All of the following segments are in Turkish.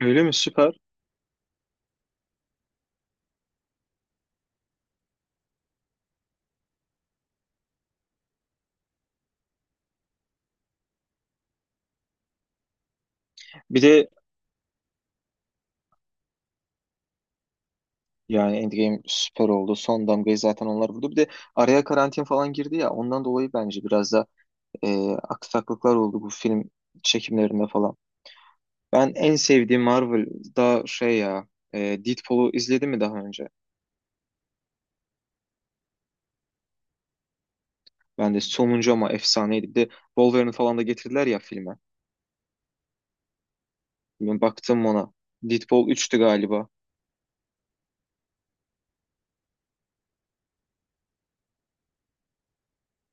Öyle mi? Süper. Bir de yani Endgame süper oldu. Son damgayı zaten onlar vurdu. Bir de araya karantin falan girdi ya. Ondan dolayı bence biraz da aksaklıklar oldu bu film çekimlerinde falan. Ben en sevdiğim Marvel'da şey ya Deadpool'u izledim mi daha önce? Ben de sonuncu ama efsaneydi. Bir de Wolverine falan da getirdiler ya filme. Ben baktım ona. Deadpool üçtü galiba.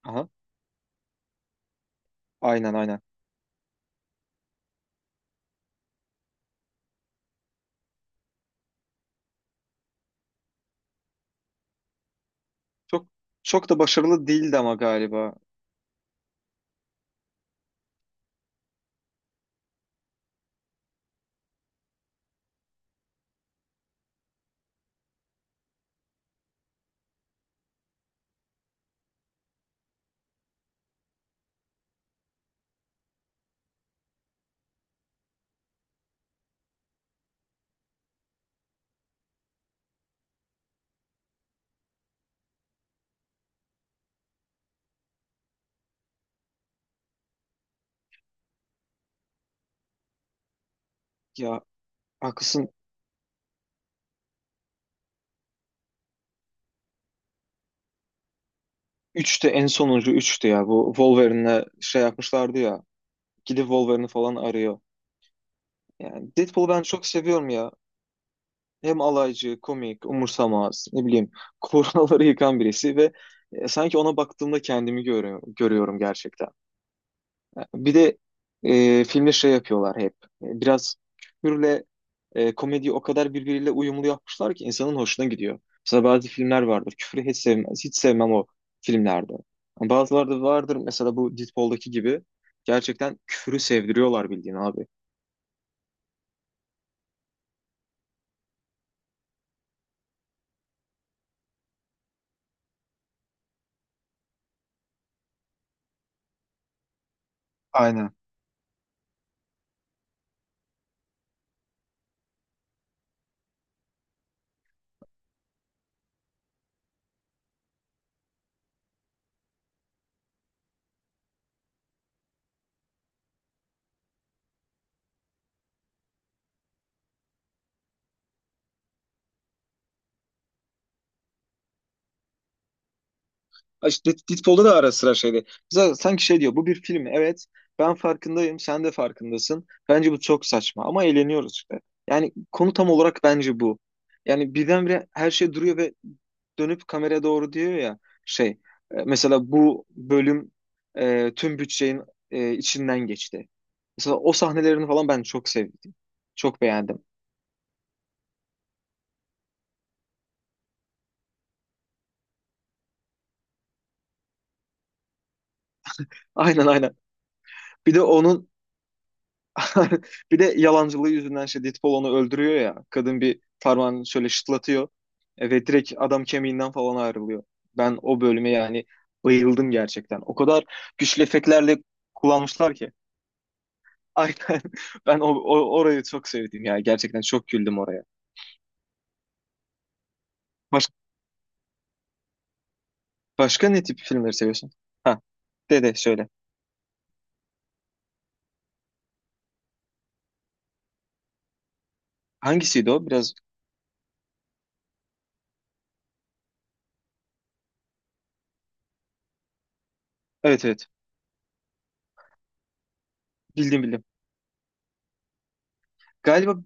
Aha. Aynen aynen. Çok çok da başarılı değildi ama galiba. Ya haklısın. Üçte en sonuncu üçtü ya. Bu Wolverine'le şey yapmışlardı ya. Gidip Wolverine'i falan arıyor. Yani Deadpool'u ben çok seviyorum ya. Hem alaycı, komik, umursamaz, ne bileyim, kuralları yıkan birisi ve sanki ona baktığımda kendimi görüyorum gerçekten. Bir de filmde şey yapıyorlar hep. Biraz küfürle komediyi o kadar birbiriyle uyumlu yapmışlar ki insanın hoşuna gidiyor. Mesela bazı filmler vardır. Küfrü hiç sevmez. Hiç sevmem o filmlerde. Ama bazıları da vardır. Mesela bu Deadpool'daki gibi. Gerçekten küfürü sevdiriyorlar bildiğin abi. Aynen. Ha, İşte Deadpool'da da ara sıra şeydi. Sanki şey diyor, bu bir film, evet ben farkındayım, sen de farkındasın. Bence bu çok saçma ama eğleniyoruz işte. Yani konu tam olarak bence bu. Yani birdenbire her şey duruyor ve dönüp kameraya doğru diyor ya şey, mesela bu bölüm tüm bütçenin içinden geçti. Mesela o sahnelerini falan ben çok sevdim. Çok beğendim. Aynen aynen. Bir de onun bir de yalancılığı yüzünden şey, Deadpool onu öldürüyor ya. Kadın bir parmağını şöyle şıtlatıyor. Ve direkt adam kemiğinden falan ayrılıyor. Ben o bölüme yani bayıldım gerçekten. O kadar güçlü efektlerle kullanmışlar ki. Aynen. Ben orayı çok sevdim ya. Gerçekten çok güldüm oraya. Baş, başka ne tip filmleri seviyorsun? Ha, de de söyle. Hangisiydi o? Biraz. Evet evet. Bildim bildim. Galiba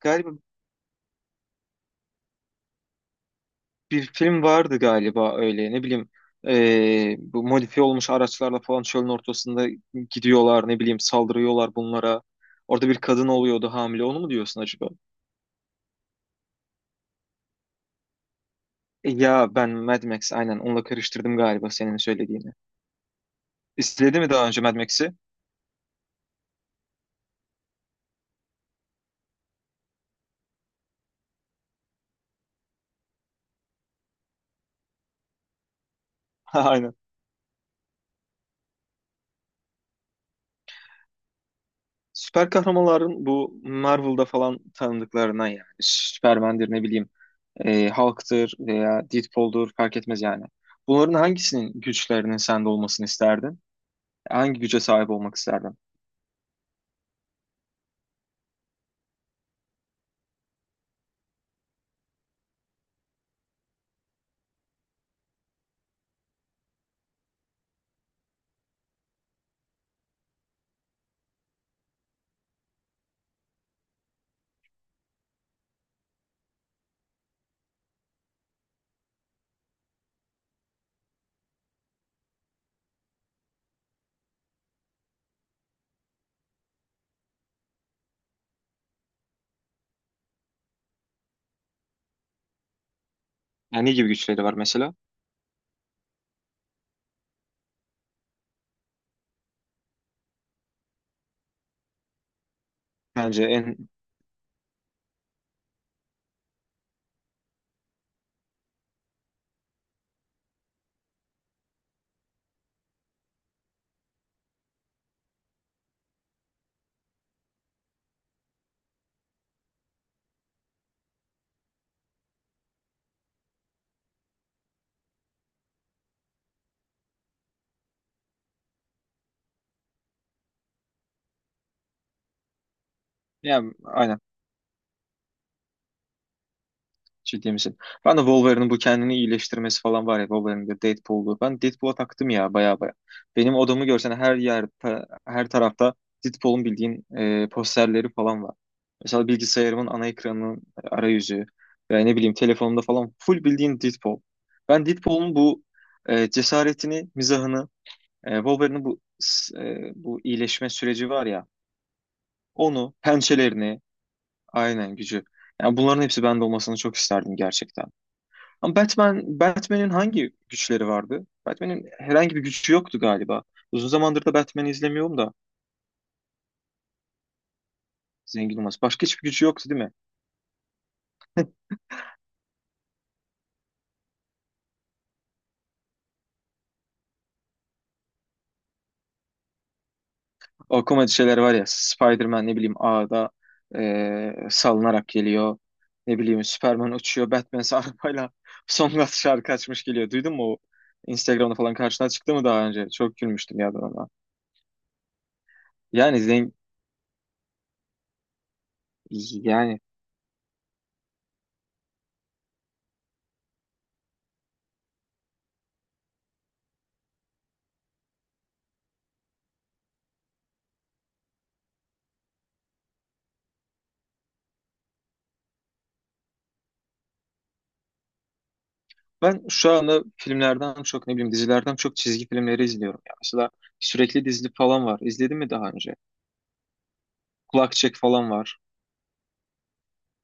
galiba bir film vardı galiba öyle ne bileyim bu modifiye olmuş araçlarla falan çölün ortasında gidiyorlar, ne bileyim saldırıyorlar bunlara. Orada bir kadın oluyordu hamile, onu mu diyorsun acaba? Ya ben Mad Max aynen onunla karıştırdım galiba senin söylediğini. İzledi mi daha önce Mad Max'i? Aynen. Süper kahramanların bu Marvel'da falan tanıdıklarına yani Superman'dir, ne bileyim Hulk'tır veya Deadpool'dur fark etmez yani. Bunların hangisinin güçlerinin sende olmasını isterdin? Hangi güce sahip olmak isterdin? Yani ne gibi güçleri var mesela? Bence en yani aynen, ciddi misin? Ben de Wolverine'in bu kendini iyileştirmesi falan var ya, Wolverine'de Deadpool'du. Ben Deadpool'a taktım ya baya baya. Benim odamı görsen her yer her tarafta Deadpool'un bildiğin posterleri falan var. Mesela bilgisayarımın ana ekranının arayüzü veya ne bileyim telefonumda falan full bildiğin Deadpool. Ben Deadpool'un bu cesaretini, mizahını, Wolverine'in bu bu iyileşme süreci var ya, onu, pençelerini, aynen gücü. Yani bunların hepsi bende olmasını çok isterdim gerçekten. Ama Batman, Batman'in hangi güçleri vardı? Batman'in herhangi bir gücü yoktu galiba. Uzun zamandır da Batman'i izlemiyorum da zengin olması. Başka hiçbir gücü yoktu değil mi? O komedi şeyler var ya, Spider-Man ne bileyim ağda salınarak geliyor. Ne bileyim Superman uçuyor. Batman ise arabayla Songülen şarkı açmış geliyor. Duydun mu o? Instagram'da falan karşına çıktı mı daha önce? Çok gülmüştüm ya ben ona. Yani zengin yani. Ben şu anda filmlerden çok, ne bileyim dizilerden çok çizgi filmleri izliyorum ya. Mesela sürekli dizili falan var. İzledin mi daha önce? Kulakçek falan var.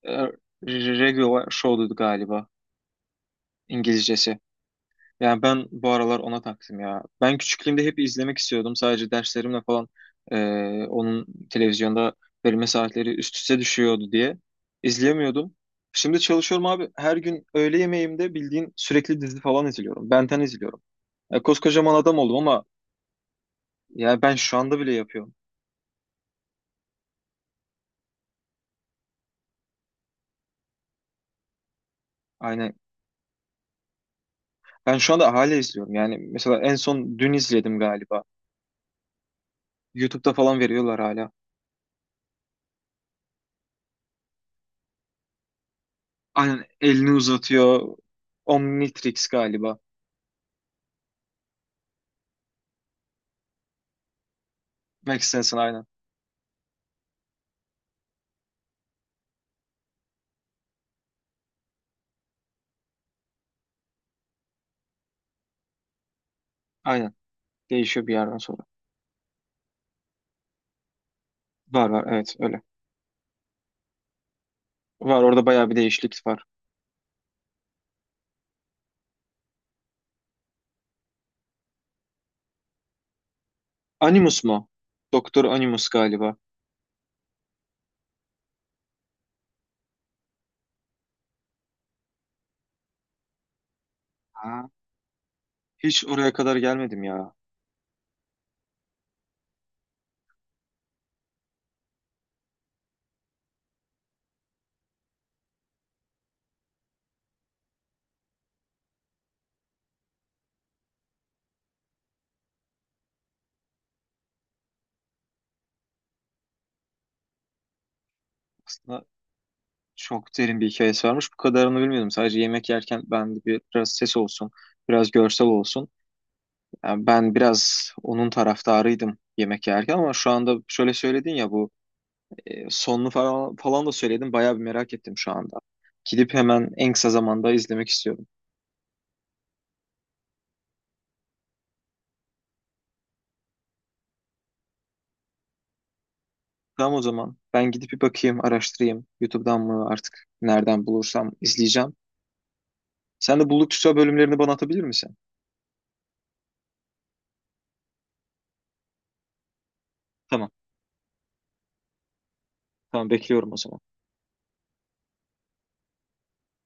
E, Regular Show'du galiba İngilizcesi. Yani ben bu aralar ona taktım ya. Ben küçüklüğümde hep izlemek istiyordum. Sadece derslerimle falan e, onun televizyonda verilme saatleri üst üste düşüyordu diye izleyemiyordum. Şimdi çalışıyorum abi. Her gün öğle yemeğimde bildiğin sürekli dizi falan izliyorum. Benten izliyorum. Ya koskocaman adam oldum ama ya ben şu anda bile yapıyorum. Aynen. Ben şu anda hala izliyorum. Yani mesela en son dün izledim galiba. YouTube'da falan veriyorlar hala. Aynen elini uzatıyor. Omnitrix galiba. Max Sensen aynen. Aynen. Değişiyor bir yerden sonra. Var var, evet öyle. Var, orada bayağı bir değişiklik var. Animus mu? Doktor Animus galiba. Ha. Hiç oraya kadar gelmedim ya. Aslında çok derin bir hikayesi varmış. Bu kadarını bilmiyordum. Sadece yemek yerken ben de biraz ses olsun, biraz görsel olsun. Yani ben biraz onun taraftarıydım yemek yerken ama şu anda şöyle söyledin ya bu sonunu falan, falan da söyledin, bayağı bir merak ettim şu anda. Gidip hemen en kısa zamanda izlemek istiyorum. Tamam o zaman ben gidip bir bakayım, araştırayım. YouTube'dan mı artık nereden bulursam izleyeceğim. Sen de buldukça bölümlerini bana atabilir misin? Tamam, tamam bekliyorum o zaman.